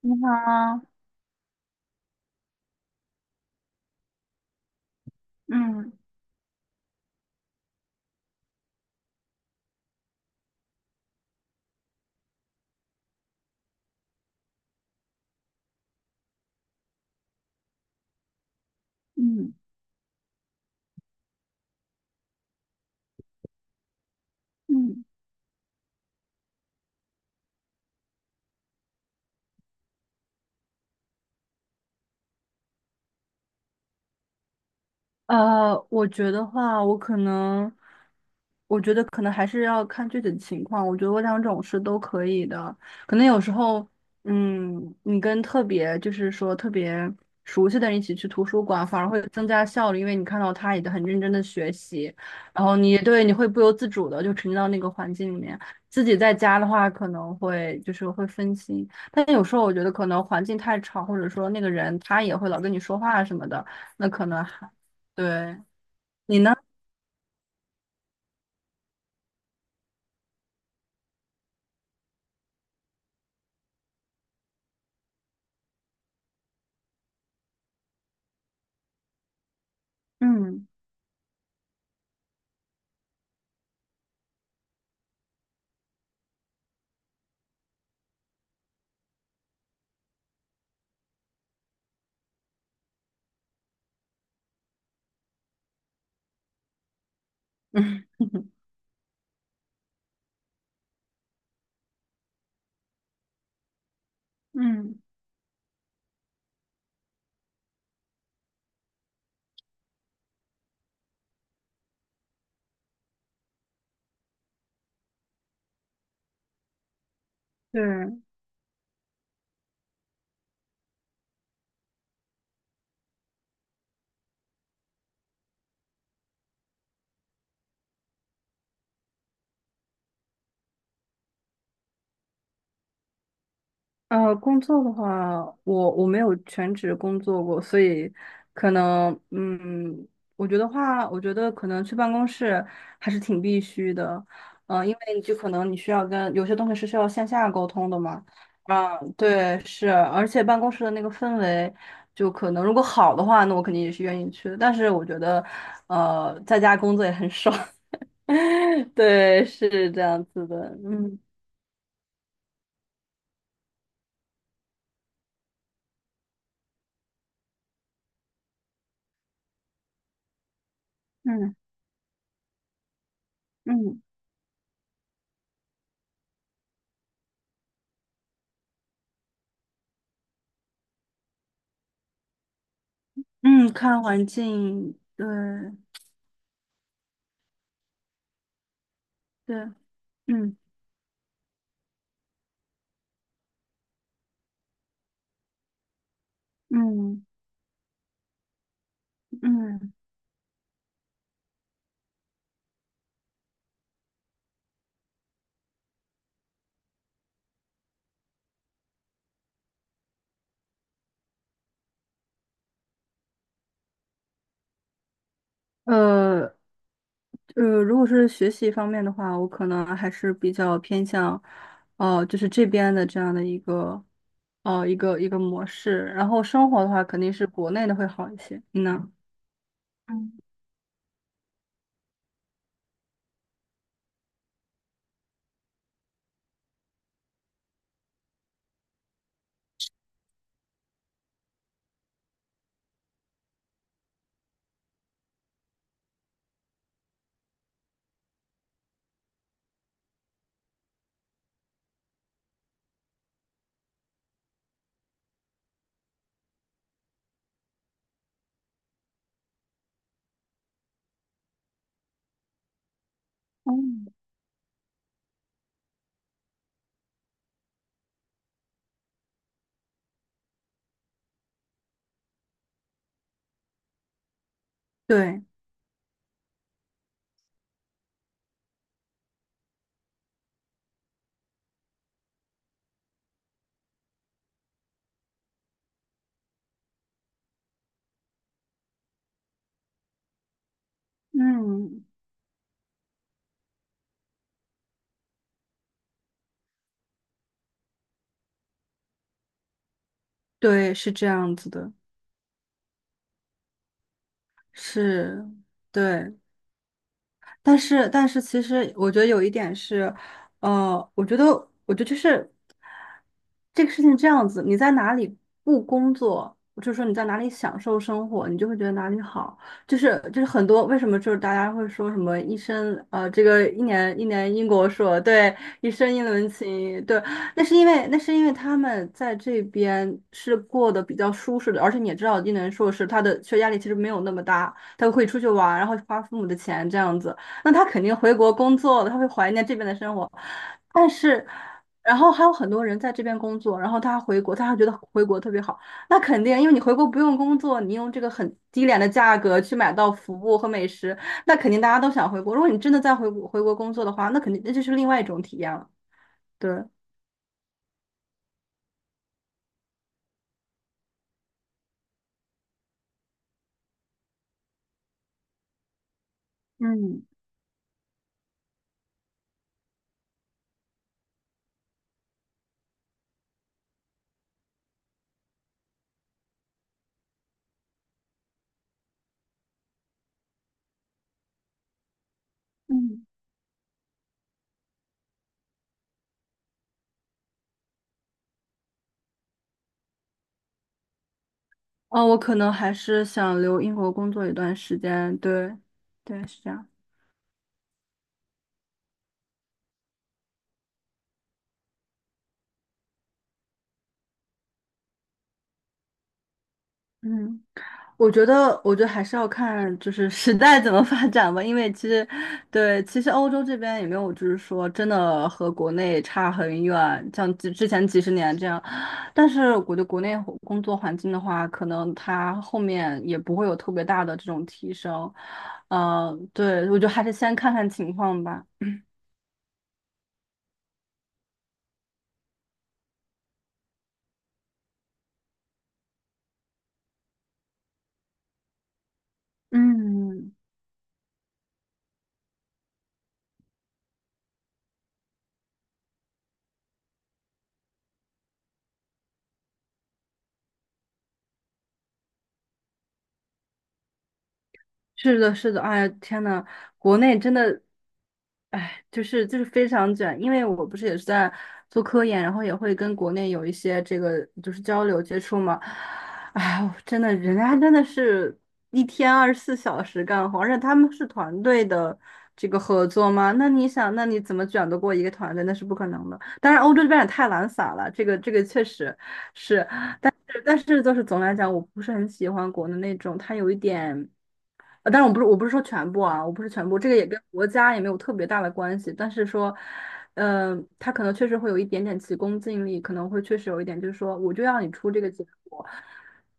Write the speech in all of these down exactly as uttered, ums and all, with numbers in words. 你好啊，嗯嗯嗯。呃，我觉得话，我可能，我觉得可能还是要看具体的情况。我觉得我两种是都可以的。可能有时候，嗯，你跟特别就是说特别熟悉的人一起去图书馆，反而会增加效率，因为你看到他也很认真的学习，然后你对你会不由自主的就沉浸到那个环境里面。自己在家的话，可能会就是会分心，但有时候我觉得可能环境太吵，或者说那个人他也会老跟你说话什么的。那可能还对，你呢？嗯嗯嗯，对，呃，工作的话，我我没有全职工作过，所以可能，嗯，我觉得话，我觉得可能去办公室还是挺必须的。呃，因为你就可能你需要跟有些东西是需要线下沟通的嘛。啊，对，是，而且办公室的那个氛围，就可能如果好的话，那我肯定也是愿意去的，但是我觉得，呃，在家工作也很爽。对，是这样子的。嗯嗯嗯嗯，看环境，对对。嗯嗯嗯，呃呃，如果是学习方面的话，我可能还是比较偏向，哦，就是这边的这样的一个，呃，一个一个模式。然后生活的话，肯定是国内的会好一些。你呢？嗯嗯，对，嗯，对，是这样子的，是，对。但是，但是，其实我觉得有一点是，呃，我觉得，我觉得就是这个事情这样子，你在哪里不工作，就是说你在哪里享受生活，你就会觉得哪里好。就是就是很多为什么就是大家会说什么一生呃这个一年一年英国硕，对，一生英伦情，对，那是因为那是因为他们在这边是过得比较舒适的，而且你也知道，一伦硕士他的学业压力其实没有那么大。他会出去玩，然后花父母的钱这样子。那他肯定回国工作了，他会怀念这边的生活。但是，然后还有很多人在这边工作，然后他回国，他还觉得回国特别好。那肯定，因为你回国不用工作，你用这个很低廉的价格去买到服务和美食，那肯定大家都想回国。如果你真的在回国回国工作的话，那肯定那就是另外一种体验了。对。嗯嗯，哦，我可能还是想留英国工作一段时间。对，对，是这样。嗯。我觉得，我觉得还是要看就是时代怎么发展吧，因为其实，对，其实欧洲这边也没有，就是说真的和国内差很远，像之之前几十年这样。但是我觉得国内工作环境的话，可能它后面也不会有特别大的这种提升。嗯，对，我觉得还是先看看情况吧。嗯。是的，是的，哎呀，天呐，国内真的，哎，就是就是非常卷，因为我不是也是在做科研，然后也会跟国内有一些这个就是交流接触嘛。哎呦，真的，人家真的是一天二十四小时干活，而且他们是团队的这个合作嘛，那你想，那你怎么卷得过一个团队？那是不可能的。当然，欧洲这边也太懒散了，这个这个确实是。但是就是总的来讲，我不是很喜欢国的那种，它有一点，呃，但然我不是我不是说全部啊，我不是全部，这个也跟国家也没有特别大的关系，但是说，呃，它可能确实会有一点点急功近利，可能会确实有一点，就是说我就要你出这个结果。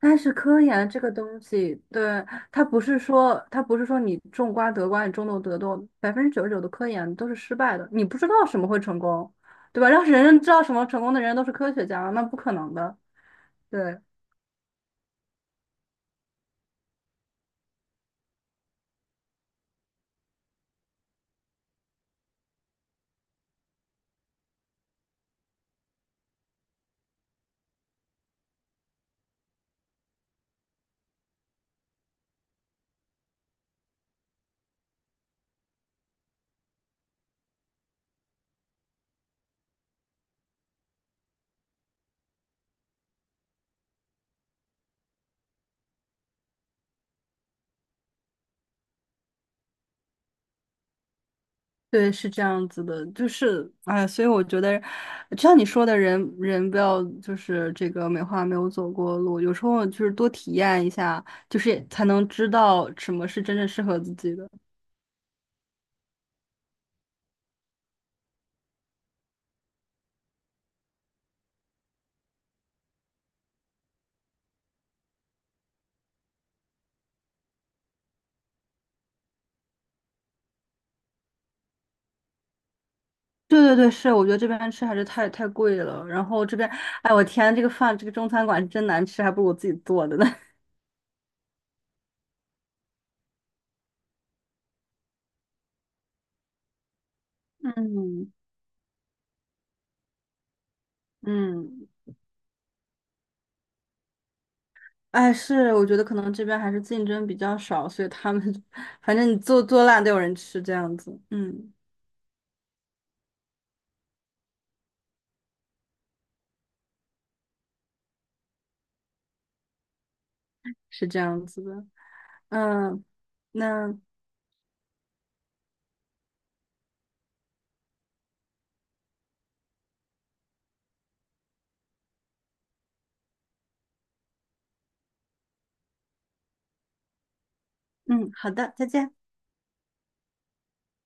但是科研这个东西，对，它不是说它不是说你种瓜得瓜，你种豆得豆，百分之九十九的科研都是失败的，你不知道什么会成功，对吧？要是人人知道什么成功的人都是科学家，那不可能的。对，对，是这样子的，就是，哎，所以我觉得，就像你说的人，人不要就是这个美化没有走过的路，有时候就是多体验一下，就是才能知道什么是真正适合自己的。对对对，是，我觉得这边吃还是太太贵了，然后这边，哎，我天，这个饭，这个中餐馆是真难吃，还不如我自己做的呢。嗯嗯，哎，是，我觉得可能这边还是竞争比较少，所以他们 反正你做做烂都有人吃，这样子。嗯，是这样子的。嗯，那嗯，好的，再见。